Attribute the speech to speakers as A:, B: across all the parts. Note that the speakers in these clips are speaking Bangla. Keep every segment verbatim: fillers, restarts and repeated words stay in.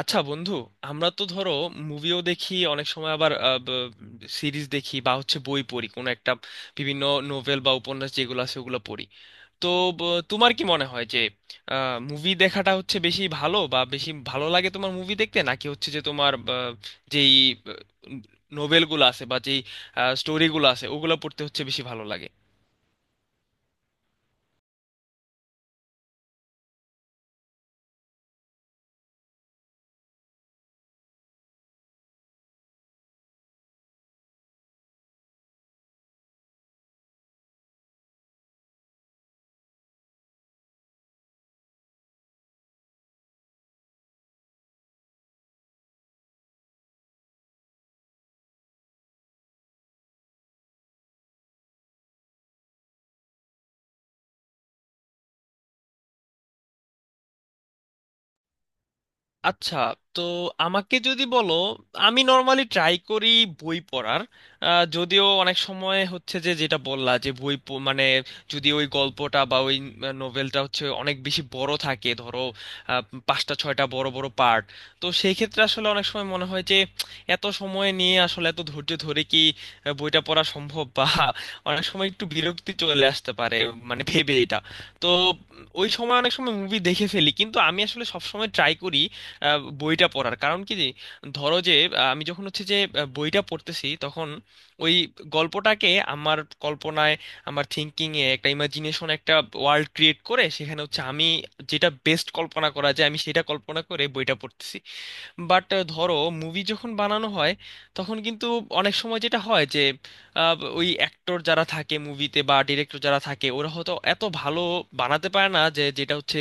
A: আচ্ছা বন্ধু, আমরা তো ধরো মুভিও দেখি অনেক সময়, আবার সিরিজ দেখি বা হচ্ছে বই পড়ি কোনো একটা, বিভিন্ন নোভেল বা উপন্যাস যেগুলো আছে ওগুলো পড়ি। তো ব- তোমার কি মনে হয় যে মুভি দেখাটা হচ্ছে বেশি ভালো বা বেশি ভালো লাগে তোমার মুভি দেখতে, নাকি হচ্ছে যে তোমার আহ, যেই নোভেলগুলো আছে বা যেই স্টোরিগুলো আছে ওগুলো পড়তে হচ্ছে বেশি ভালো লাগে? আচ্ছা, তো আমাকে যদি বলো, আমি নর্মালি ট্রাই করি বই পড়ার। আহ, যদিও অনেক সময় হচ্ছে যে, যেটা বললা, যে বই প- মানে যদি ওই গল্পটা বা ওই নোভেলটা হচ্ছে অনেক বেশি বড় থাকে, ধরো আহ, পাঁচটা ছয়টা বড় বড় পার্ট, তো সেই ক্ষেত্রে আসলে অনেক সময় মনে হয় যে এত সময় নিয়ে আসলে এত ধৈর্য ধরে কি আহ, বইটা পড়া সম্ভব, বা অনেক সময় একটু বিরক্তি চলে আসতে পারে মানে, ভেবে এটা। তো উম, ওই সময় অনেক সময় মুভি দেখে ফেলি, কিন্তু আমি আসলে সব সময় ট্রাই করি আহ, বইটা পড়ার। কারণ কি যে, ধরো যে আহ, আমি যখন হচ্ছে যে আহ, বইটা পড়তেছি, তখন ওই গল্পটাকে আমার কল্পনায়, আমার থিঙ্কিং এ একটা ইমাজিনেশন, একটা ওয়ার্ল্ড ক্রিয়েট করে, সেখানে হচ্ছে আমি যেটা বেস্ট কল্পনা করা যায়, আমি সেটা কল্পনা করে বইটা পড়তেছি। বাট ধরো মুভি যখন বানানো হয়, তখন কিন্তু অনেক সময় যেটা হয় যে আহ, ওই অ্যাক্টর যারা থাকে মুভিতে বা ডিরেক্টর যারা থাকে, ওরা হয়তো এত ভালো বানাতে পারে না যে যেটা হচ্ছে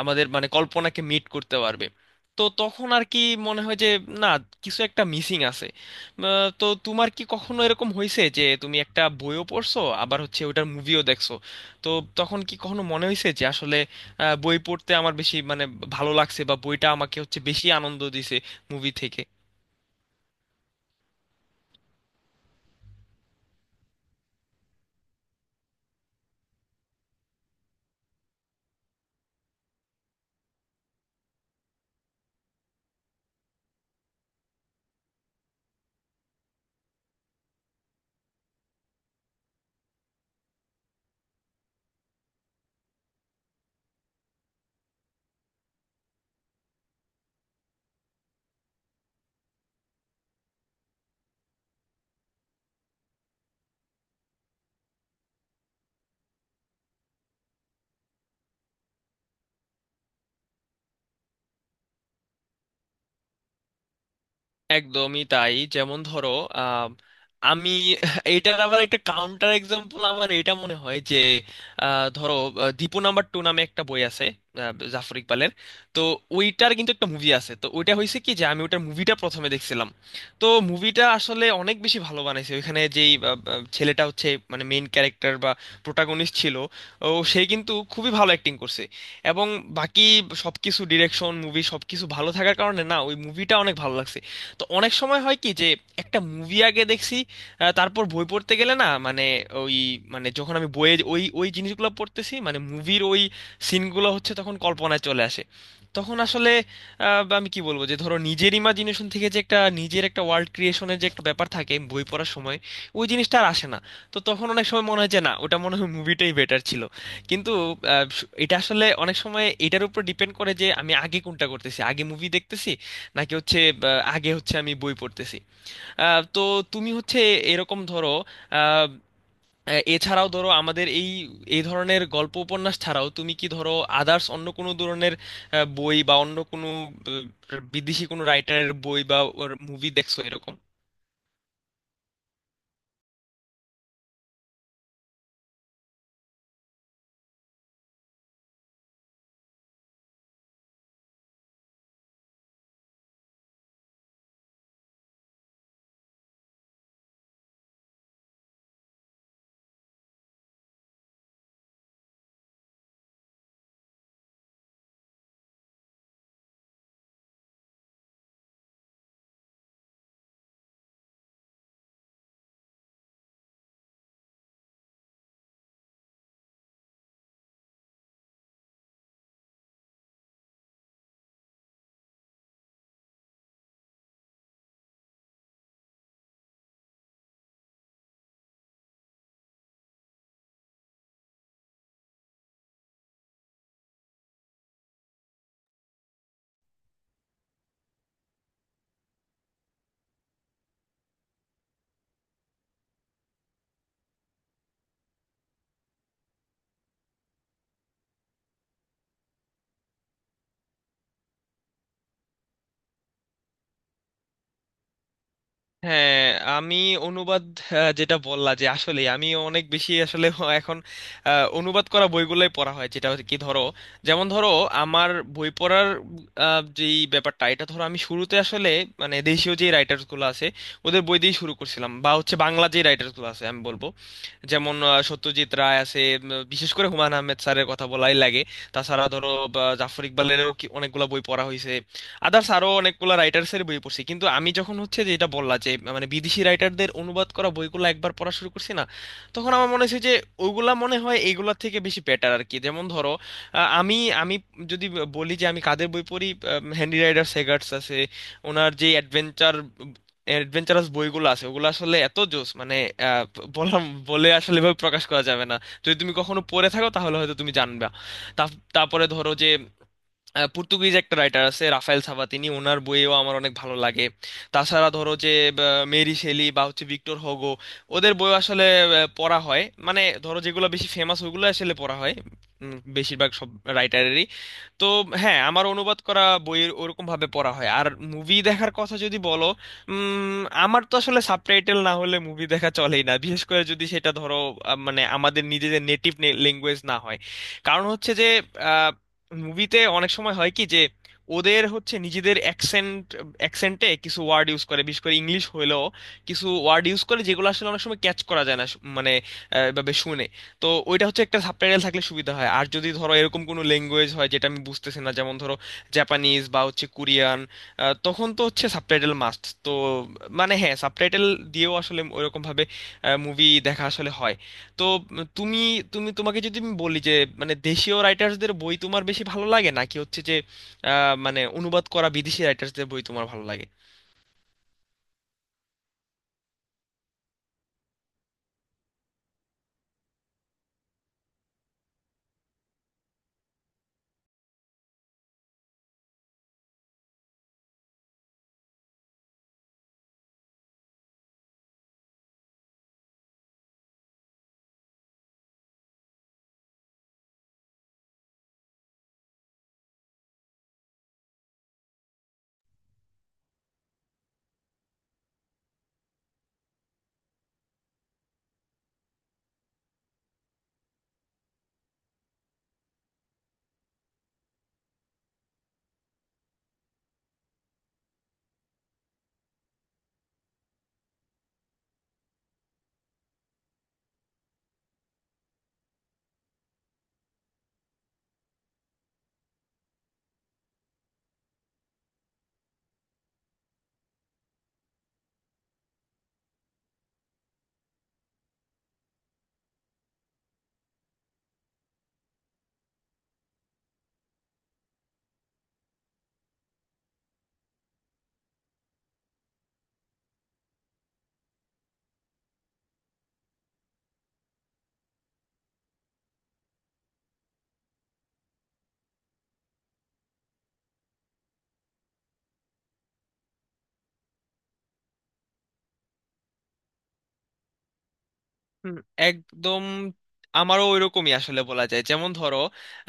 A: আমাদের মানে কল্পনাকে মিট করতে পারবে। তো তখন আর কি মনে হয় যে না, কিছু একটা মিসিং আছে। আহ, তো তোমার কি কখনো এরকম হয়েছে যে তুমি একটা বইও পড়ছো, আবার হচ্ছে ওটার মুভিও দেখছো, তো তখন কি কখনো মনে হয়েছে যে আসলে আহ, বই পড়তে আমার বেশি মানে ভালো লাগছে বা বইটা আমাকে হচ্ছে বেশি আনন্দ দিছে মুভি থেকে? একদমই তাই। যেমন ধরো আহ, আমি, এটার আবার একটা কাউন্টার এক্সাম্পল আমার, এটা মনে হয় যে আহ, ধরো আহ, দীপু নাম্বার টু নামে একটা বই আছে আহ, জাফর ইকবালের। তো ওইটার কিন্তু একটা মুভি আছে, তো ওইটা হয়েছে কি যে আমি ওইটার মুভিটা প্রথমে দেখছিলাম। তো মুভিটা আসলে অনেক বেশি ভালো বানাইছে, ওইখানে যেই আহ, আহ, ছেলেটা হচ্ছে মানে মেইন ক্যারেক্টার বা প্রোটাগনিস্ট ছিল, ও সে কিন্তু খুবই ভালো অ্যাক্টিং করছে। এবং বাকি সবকিছু, ডিরেকশন, মুভি, সবকিছু ভালো থাকার কারণে না ওই মুভিটা অনেক ভালো লাগছে। তো অনেক সময় হয় কি যে একটা মুভি আগে দেখছি, আহ, তারপর বই পড়তে গেলে না মানে ওই, মানে যখন আমি বইয়ে ওই ওই জিনিসগুলো পড়তেছি মানে মুভির ওই সিনগুলো হচ্ছে তখন কল্পনায় চলে আসে। তখন আসলে আহ, বা আমি কি বলবো যে, ধরো নিজের ইমাজিনেশন থেকে যে একটা নিজের একটা ওয়ার্ল্ড ক্রিয়েশনের যে একটা ব্যাপার থাকে বই পড়ার সময়, ওই জিনিসটা আর আসে না। তো তখন অনেক সময় মনে হয় যে না, ওটা মনে হয় মুভিটাই বেটার ছিল। কিন্তু আহ, এটা আসলে অনেক সময় এটার উপর ডিপেন্ড করে যে আমি আগে কোনটা করতেছি, আগে মুভি দেখতেছি নাকি হচ্ছে আহ, আগে হচ্ছে আমি বই পড়তেছি। আহ, তো তুমি হচ্ছে এরকম, ধরো আহ, এছাড়াও ধরো আমাদের এই এই ধরনের গল্প উপন্যাস ছাড়াও তুমি কি ধরো আদার্স অন্য কোনো ধরনের আহ, বই বা অন্য কোনো আহ, বিদেশি কোনো রাইটারের বই বা মুভি দেখছো এরকম? হ্যাঁ, আমি অনুবাদ, আহ, যেটা বললা যে আসলে আমি অনেক বেশি আসলে এখন আহ, অনুবাদ করা বইগুলোই পড়া হয়, যেটা আর কি ধরো। যেমন ধরো আমার বই পড়ার আহ, যেই ব্যাপারটা, এটা ধরো আমি শুরুতে আসলে মানে দেশীয় যে রাইটার্স গুলো আছে ওদের বই দিয়ে শুরু করছিলাম বা হচ্ছে বাংলা যে রাইটার্স গুলো আছে, আমি বলবো যেমন আহ, সত্যজিৎ রায় আছে, উম, বিশেষ করে হুমায়ুন আহমেদ স্যারের কথা বলাই লাগে। তাছাড়া ধরো বা, জাফর ইকবালেরও কি- অনেকগুলা বই পড়া হয়েছে। আদার্স আরো অনেকগুলো রাইটার্স এর বই পড়ছি। কিন্তু আমি যখন হচ্ছে যে, এটা বললা যে মানে বিদেশি রাইটারদের অনুবাদ করা বইগুলো একবার পড়া শুরু করছি না, তখন আমার মনে হয়েছে যে ওগুলা মনে হয় এইগুলা থেকে বেশি বেটার আর কি। যেমন ধরো আহ, আমি আমি যদি বলি যে আমি কাদের বই পড়ি, হ্যান্ডি রাইডার সেগার্টস আছে, ওনার যে অ্যাডভেঞ্চার, অ্যাডভেঞ্চারাস বইগুলো আছে ওগুলো আসলে এত জোস মানে আহ, বললাম বলে আসলে এভাবে প্রকাশ করা যাবে না, যদি তুমি কখনো পড়ে থাকো তাহলে হয়তো তুমি জানবে। তারপরে ধরো যে আহ, পর্তুগিজ একটা রাইটার আছে রাফায়েল সাভাতিনি, ওনার বইও আমার অনেক ভালো লাগে। তাছাড়া ধরো যে আহ, মেরি শেলি বা হচ্ছে ভিক্টর হোগো, ওদের বই আসলে আহ, পড়া হয় মানে, ধরো যেগুলো বেশি ফেমাস ওগুলো আসলে পড়া হয়, উম, বেশিরভাগ সব রাইটারেরই। তো হ্যাঁ, আমার অনুবাদ করা বইয়ের ওরকম ভাবে পড়া হয়। আর মুভি দেখার কথা যদি বলো, উম, আমার তো আসলে সাবটাইটেল না হলে মুভি দেখা চলেই না, বিশেষ করে যদি সেটা ধরো আহ, মানে আমাদের নিজেদের নেটিভ ল্যাঙ্গুয়েজ না হয়। কারণ হচ্ছে যে মুভিতে অনেক সময় হয় কি যে ওদের হচ্ছে নিজেদের অ্যাকসেন্ট, অ্যাকসেন্টে কিছু ওয়ার্ড ইউজ করে, বিশেষ করে ইংলিশ হইলেও কিছু ওয়ার্ড ইউজ করে যেগুলো আসলে অনেক সময় ক্যাচ করা যায় না শু- মানে আহ, এভাবে শুনে। তো ওইটা হচ্ছে, একটা সাবটাইটেল থাকলে সুবিধা হয়। আর যদি ধরো এরকম কোনো ল্যাঙ্গুয়েজ হয় যেটা আমি বুঝতেছি না, যেমন ধরো জাপানিজ বা হচ্ছে কোরিয়ান, তখন তো হচ্ছে সাবটাইটেল মাস্ট। তো মানে হ্যাঁ, সাবটাইটেল দিয়েও আসলে ওইরকম ভাবে মুভি দেখা আসলে হয়। তো উম, তুমি তুমি তোমাকে যদি আমি বলি যে মানে দেশীয় রাইটার্সদের বই তোমার বেশি ভালো লাগে নাকি হচ্ছে যে আহ, মানে অনুবাদ করা বিদেশি রাইটার্সদের বই তোমার ভালো লাগে? হুম, একদম। আমারও ওইরকমই আসলে বলা যায়। যেমন ধরো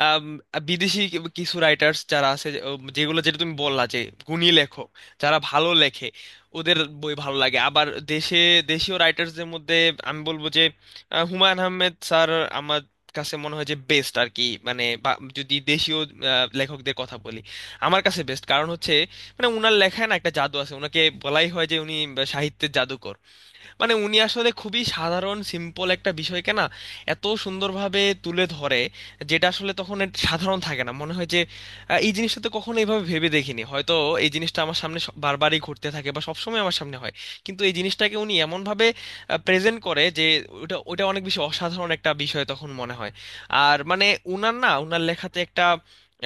A: আম, বিদেশি কি- কিছু রাইটার্স যারা আছে যে- উম, যেগুলো যেটা তুমি বললা যে গুণী লেখক, যারা ভালো লেখে, ওদের বই ভালো লাগে। আবার দেশে, দেশীয় রাইটার্সদের মধ্যে আমি বলবো যে আহ, হুমায়ুন আহমেদ স্যার আমার কাছে মনে হয় যে বেস্ট আর কি। মানে বা- যদি দেশীয় আহ, লেখকদের কথা বলি, আমার কাছে বেস্ট। কারণ হচ্ছে মানে ওনার লেখায় না একটা জাদু আছে, ওনাকে বলাই হয় যে উনি সাহিত্যের জাদুকর। মানে উনি আসলে খুবই সাধারণ সিম্পল একটা বিষয়কে না এত সুন্দরভাবে তুলে ধরে যেটা আসলে তখন এর সাধারণ থাকে না, মনে হয় যে আহ, এই জিনিসটা তো কখনো এইভাবে ভেবে দেখিনি হয়তো। এই জিনিসটা আমার সামনে স- বারবারই ঘটতে থাকে বা সবসময় আমার সামনে হয়, কিন্তু এই জিনিসটাকে উনি এমনভাবে প্রেজেন্ট করে যে ওটা ওটা অনেক বেশি অসাধারণ একটা বিষয় তখন মনে হয়। আর মানে উনার না উনার লেখাতে একটা,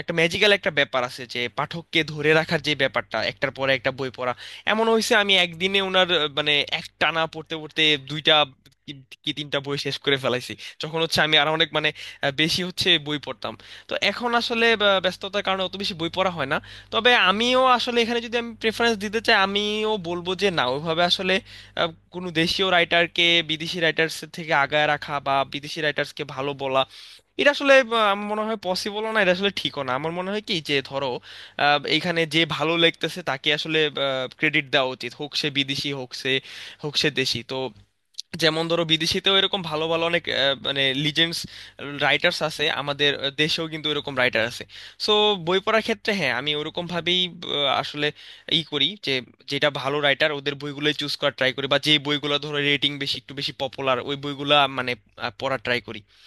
A: একটা ম্যাজিক্যাল একটা ব্যাপার আছে যে পাঠককে ধরে রাখার যে ব্যাপারটা, একটার পরে একটা বই পড়া। এমন হয়েছে আমি একদিনে ওনার আহ, মানে এক টানা পড়তে পড়তে দুইটা কি কি তিনটা বই শেষ করে ফেলাইছি, যখন হচ্ছে আমি আর অনেক মানে আহ, বেশি হচ্ছে বই পড়তাম। তো এখন আসলে আহ, ব্যস্ততার কারণে অত বেশি বই পড়া হয় না। তবে আমিও আসলে এখানে যদি আমি প্রেফারেন্স দিতে চাই, আমিও বলবো যে না, ওইভাবে আসলে আহ, কোনো দেশীয় রাইটারকে বিদেশি রাইটার্স থেকে আগায় রাখা বা বিদেশি রাইটার্সকে ভালো বলা, এটা আসলে আহ, আমার মনে হয় পসিবলও না, এটা আসলে ঠিকও না। আমার মনে হয় কি যে, ধরো আহ, এইখানে যে ভালো লিখতেছে তাকে আসলে ক্রেডিট দেওয়া উচিত, হোক সে বিদেশি হোক সে, হোক সে দেশি। তো যেমন ধরো বিদেশিতেও এরকম ভালো ভালো অনেক আহ, মানে লিজেন্ডস রাইটার্স আছে, আমাদের আহ, দেশেও কিন্তু এরকম রাইটার আছে। সো বই পড়ার ক্ষেত্রে হ্যাঁ, আমি ওরকম ভাবেই আহ, আসলে ই করি যে যেটা ভালো রাইটার ওদের বইগুলোই চুজ করার ট্রাই করি, বা যে বইগুলো ধরো রেটিং বেশি একটু বেশি পপুলার ওই বইগুলা মানে আহ, পড়ার ট্রাই করি।